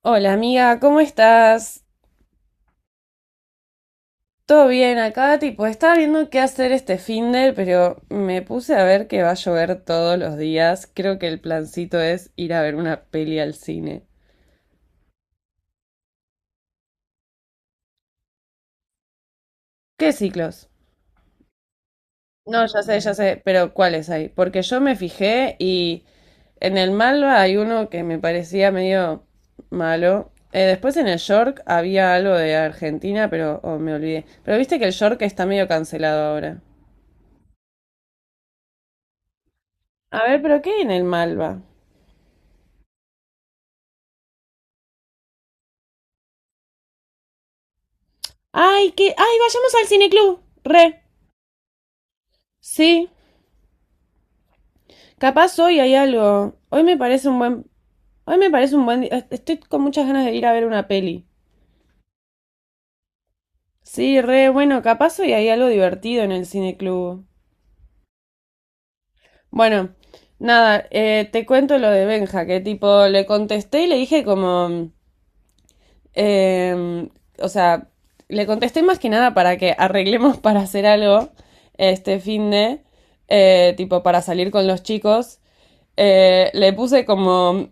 Hola amiga, ¿cómo estás? ¿Todo bien acá? Tipo, estaba viendo qué hacer este finde, pero me puse a ver que va a llover todos los días. Creo que el plancito es ir a ver una peli al cine. ¿Qué ciclos? No, ya sé, pero ¿cuáles hay? Porque yo me fijé y en el Malva hay uno que me parecía medio malo. Después en el York había algo de Argentina, pero oh, me olvidé. Pero viste que el York está medio cancelado ahora. A ver, ¿pero qué hay en el Malva? Ay, ay, vayamos al cineclub. Re. Sí. Capaz hoy hay algo. Hoy me parece un buen día. Estoy con muchas ganas de ir a ver una peli. Sí, re, bueno, capaz hoy hay algo divertido en el cineclub. Bueno, nada, te cuento lo de Benja, que tipo le contesté y le dije como, em, o sea, le contesté más que nada para que arreglemos para hacer algo este fin de, tipo para salir con los chicos. Le puse como.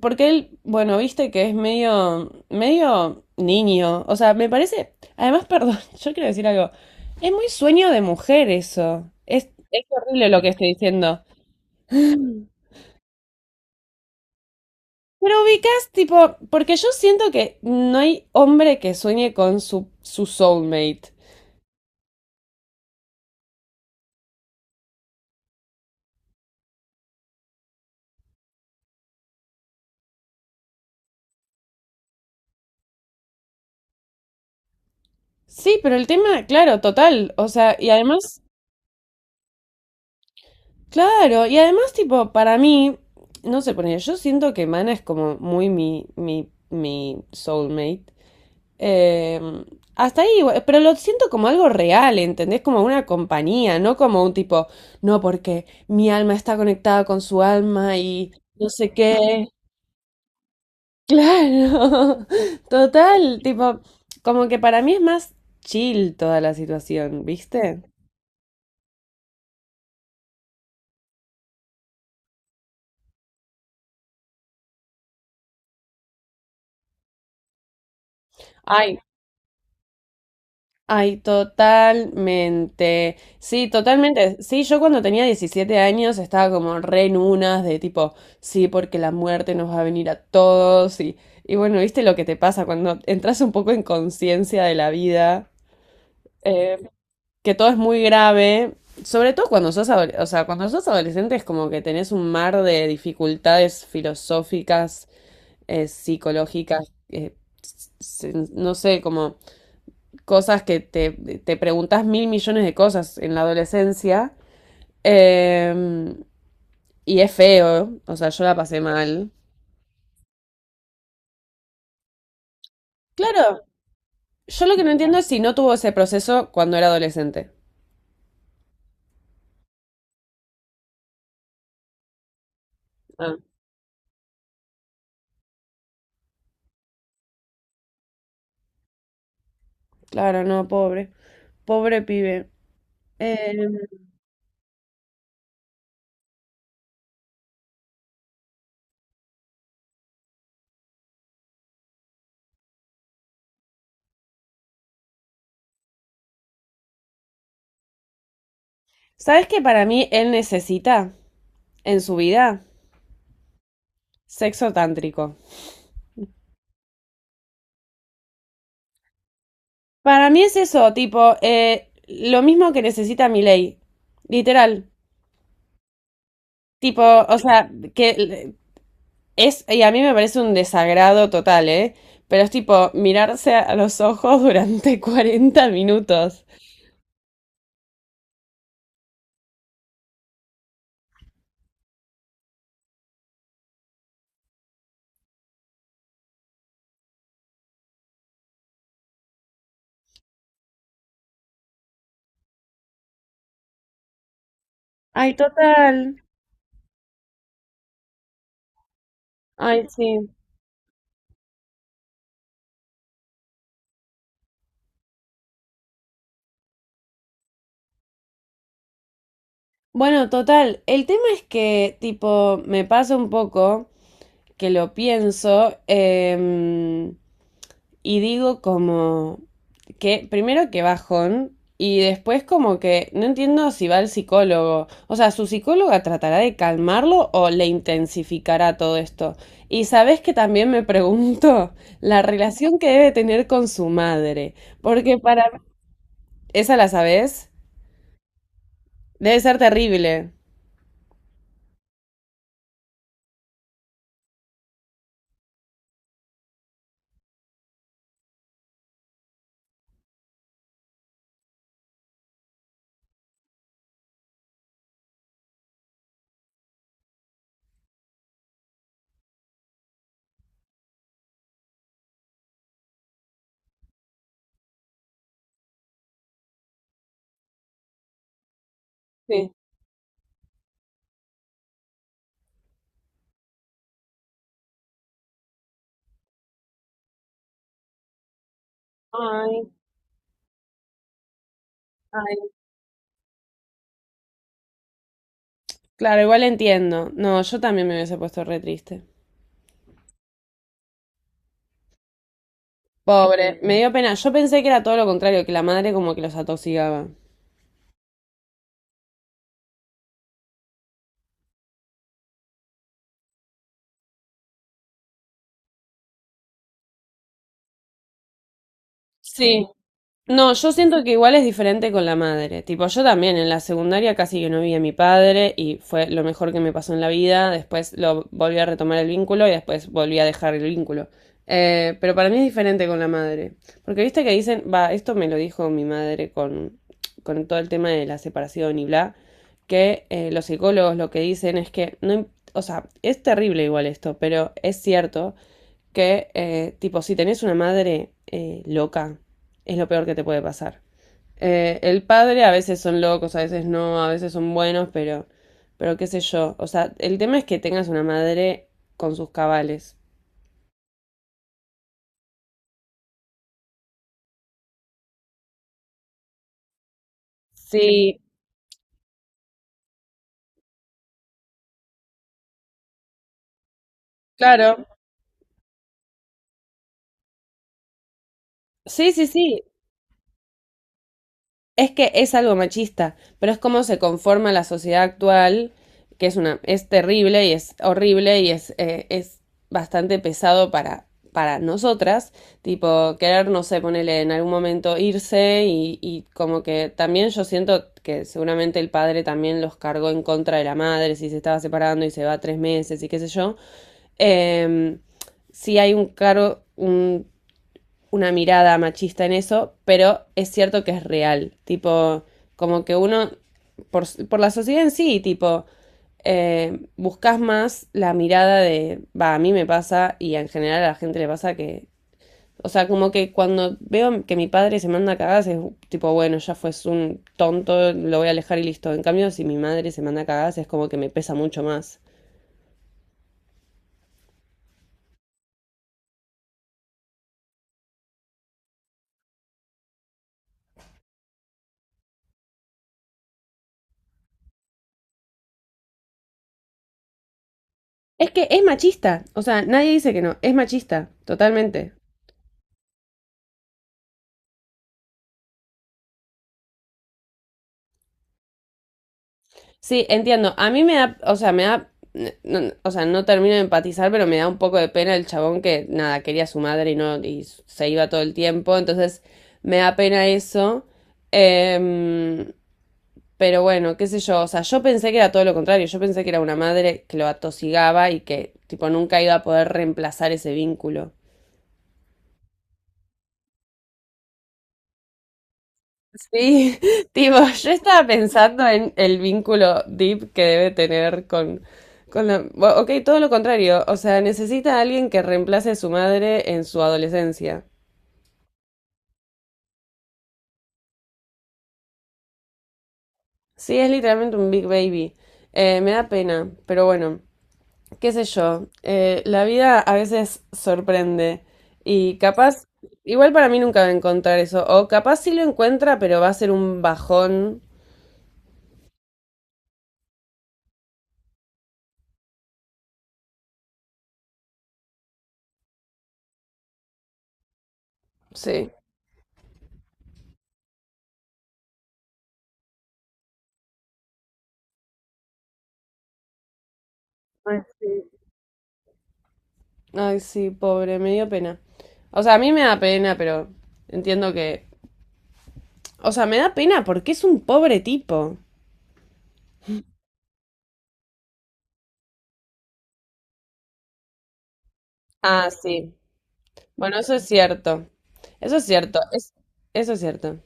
Porque él, bueno, viste que es medio, medio niño. O sea, me parece. Además, perdón, yo quiero decir algo. Es muy sueño de mujer eso. Es horrible lo que estoy diciendo. Pero ubicas, tipo, porque yo siento que no hay hombre que sueñe con su soulmate. Sí, pero el tema, claro, total. O sea, y además. Claro, y además, tipo, para mí, no sé, yo siento que Mana es como muy mi soulmate. Eh, Hasta ahí, igual, pero lo siento como algo real, ¿entendés? Como una compañía, no como un tipo, no, porque mi alma está conectada con su alma y no sé qué. Claro, total, tipo, como que para mí es más chill toda la situación, ¿viste? Ay, ay, totalmente. Sí, totalmente. Sí, yo cuando tenía 17 años estaba como re en unas de tipo, sí, porque la muerte nos va a venir a todos. Y bueno, viste lo que te pasa cuando entras un poco en conciencia de la vida, eh, que todo es muy grave. Sobre todo cuando sos, o sea, cuando sos adolescente es como que tenés un mar de dificultades filosóficas, psicológicas, no sé, como cosas que te preguntas mil millones de cosas en la adolescencia. Eh, y es feo, o sea, yo la pasé mal. Claro, yo lo que no entiendo es si no tuvo ese proceso cuando era adolescente. Ah, claro, no, pobre. Pobre pibe. Eh, ¿Sabes que para mí él necesita en su vida? Sexo tántrico. Para mí es eso, tipo, lo mismo que necesita mi ley. Literal. Tipo, o sea, que es, y a mí me parece un desagrado total, ¿eh? Pero es tipo mirarse a los ojos durante 40 minutos. Ay, total. Ay, sí. Bueno, total, el tema es que, tipo, me pasa un poco que lo pienso, y digo como que primero que bajón y después como que no entiendo si va al psicólogo. O sea, su psicóloga tratará de calmarlo o le intensificará todo esto. Y sabes que también me pregunto la relación que debe tener con su madre, porque para esa la sabes, debe ser terrible. Sí. Ay, ay. Claro, igual entiendo. No, yo también me hubiese puesto re triste. Pobre, me dio pena. Yo pensé que era todo lo contrario, que la madre como que los atoxigaba. Sí, no, yo siento que igual es diferente con la madre. Tipo, yo también en la secundaria casi que no vi a mi padre y fue lo mejor que me pasó en la vida. Después lo volví a retomar el vínculo y después volví a dejar el vínculo. Pero para mí es diferente con la madre. Porque viste que dicen, va, esto me lo dijo mi madre con todo el tema de la separación y bla, que los psicólogos lo que dicen es que no, o sea, es terrible igual esto, pero es cierto que, tipo, si tenés una madre loca, es lo peor que te puede pasar. El padre a veces son locos, a veces no, a veces son buenos, pero qué sé yo. O sea, el tema es que tengas una madre con sus cabales. Sí, claro. Sí, sí, sí. Es que es algo machista, pero es como se conforma la sociedad actual, que es una, es terrible y es horrible y es bastante pesado para nosotras, tipo querer, no sé, ponerle en algún momento irse y como que también yo siento que seguramente el padre también los cargó en contra de la madre, si se estaba separando y se va 3 meses y qué sé yo. Eh, sí hay un cargo, un una mirada machista en eso, pero es cierto que es real. Tipo, como que uno, por la sociedad en sí, tipo, buscas más la mirada de, va, a mí me pasa y en general a la gente le pasa que, o sea, como que cuando veo que mi padre se manda cagadas es tipo, bueno, ya fue un tonto, lo voy a alejar y listo. En cambio, si mi madre se manda cagadas es como que me pesa mucho más. Es que es machista, o sea, nadie dice que no, es machista, totalmente. Sí, entiendo. A mí me da, o sea, me da, o sea, no termino de empatizar, pero me da un poco de pena el chabón que nada, quería a su madre y no, y se iba todo el tiempo. Entonces, me da pena eso. Em, pero bueno, qué sé yo. O sea, yo pensé que era todo lo contrario. Yo pensé que era una madre que lo atosigaba y que, tipo, nunca iba a poder reemplazar ese vínculo. Sí, tipo, yo estaba pensando en el vínculo deep que debe tener con la, bueno, ok, todo lo contrario, o sea, necesita a alguien que reemplace a su madre en su adolescencia. Sí, es literalmente un big baby. Me da pena, pero bueno, qué sé yo. La vida a veces sorprende y capaz, igual para mí nunca va a encontrar eso, o capaz sí lo encuentra, pero va a ser un bajón. Sí. Ay, sí. Ay, sí, pobre, me dio pena. O sea, a mí me da pena, pero entiendo que. O sea, me da pena porque es un pobre tipo. Ah, sí. Bueno, eso es cierto. Eso es cierto. Eso es cierto.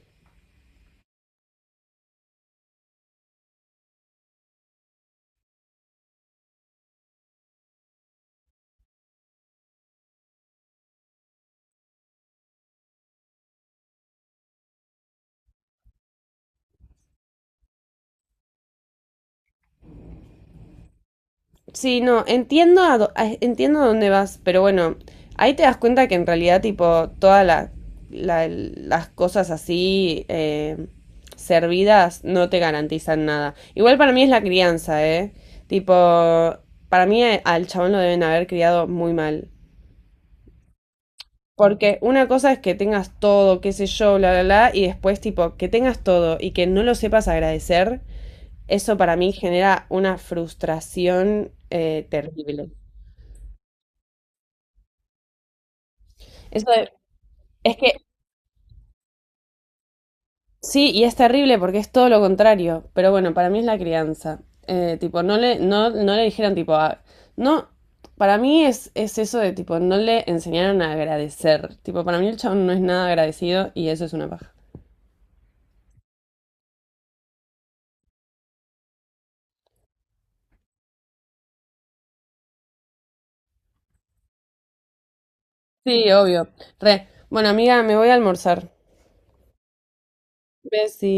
Sí, no, entiendo entiendo a dónde vas, pero bueno, ahí te das cuenta que en realidad, tipo, todas las cosas así servidas no te garantizan nada. Igual para mí es la crianza, ¿eh? Tipo, para mí al chabón lo deben haber criado muy mal. Porque una cosa es que tengas todo, qué sé yo, bla, bla, bla, y después, tipo, que tengas todo y que no lo sepas agradecer, eso para mí genera una frustración terrible. Eso de- Es que sí, y es terrible porque es todo lo contrario. Pero bueno, para mí es la crianza. Tipo, no le, no, no le dijeron, tipo, no. Para mí es eso de tipo, no le enseñaron a agradecer. Tipo, para mí el chabón no es nada agradecido y eso es una paja. Sí, obvio. Re. Bueno, amiga, me voy a almorzar. Besi.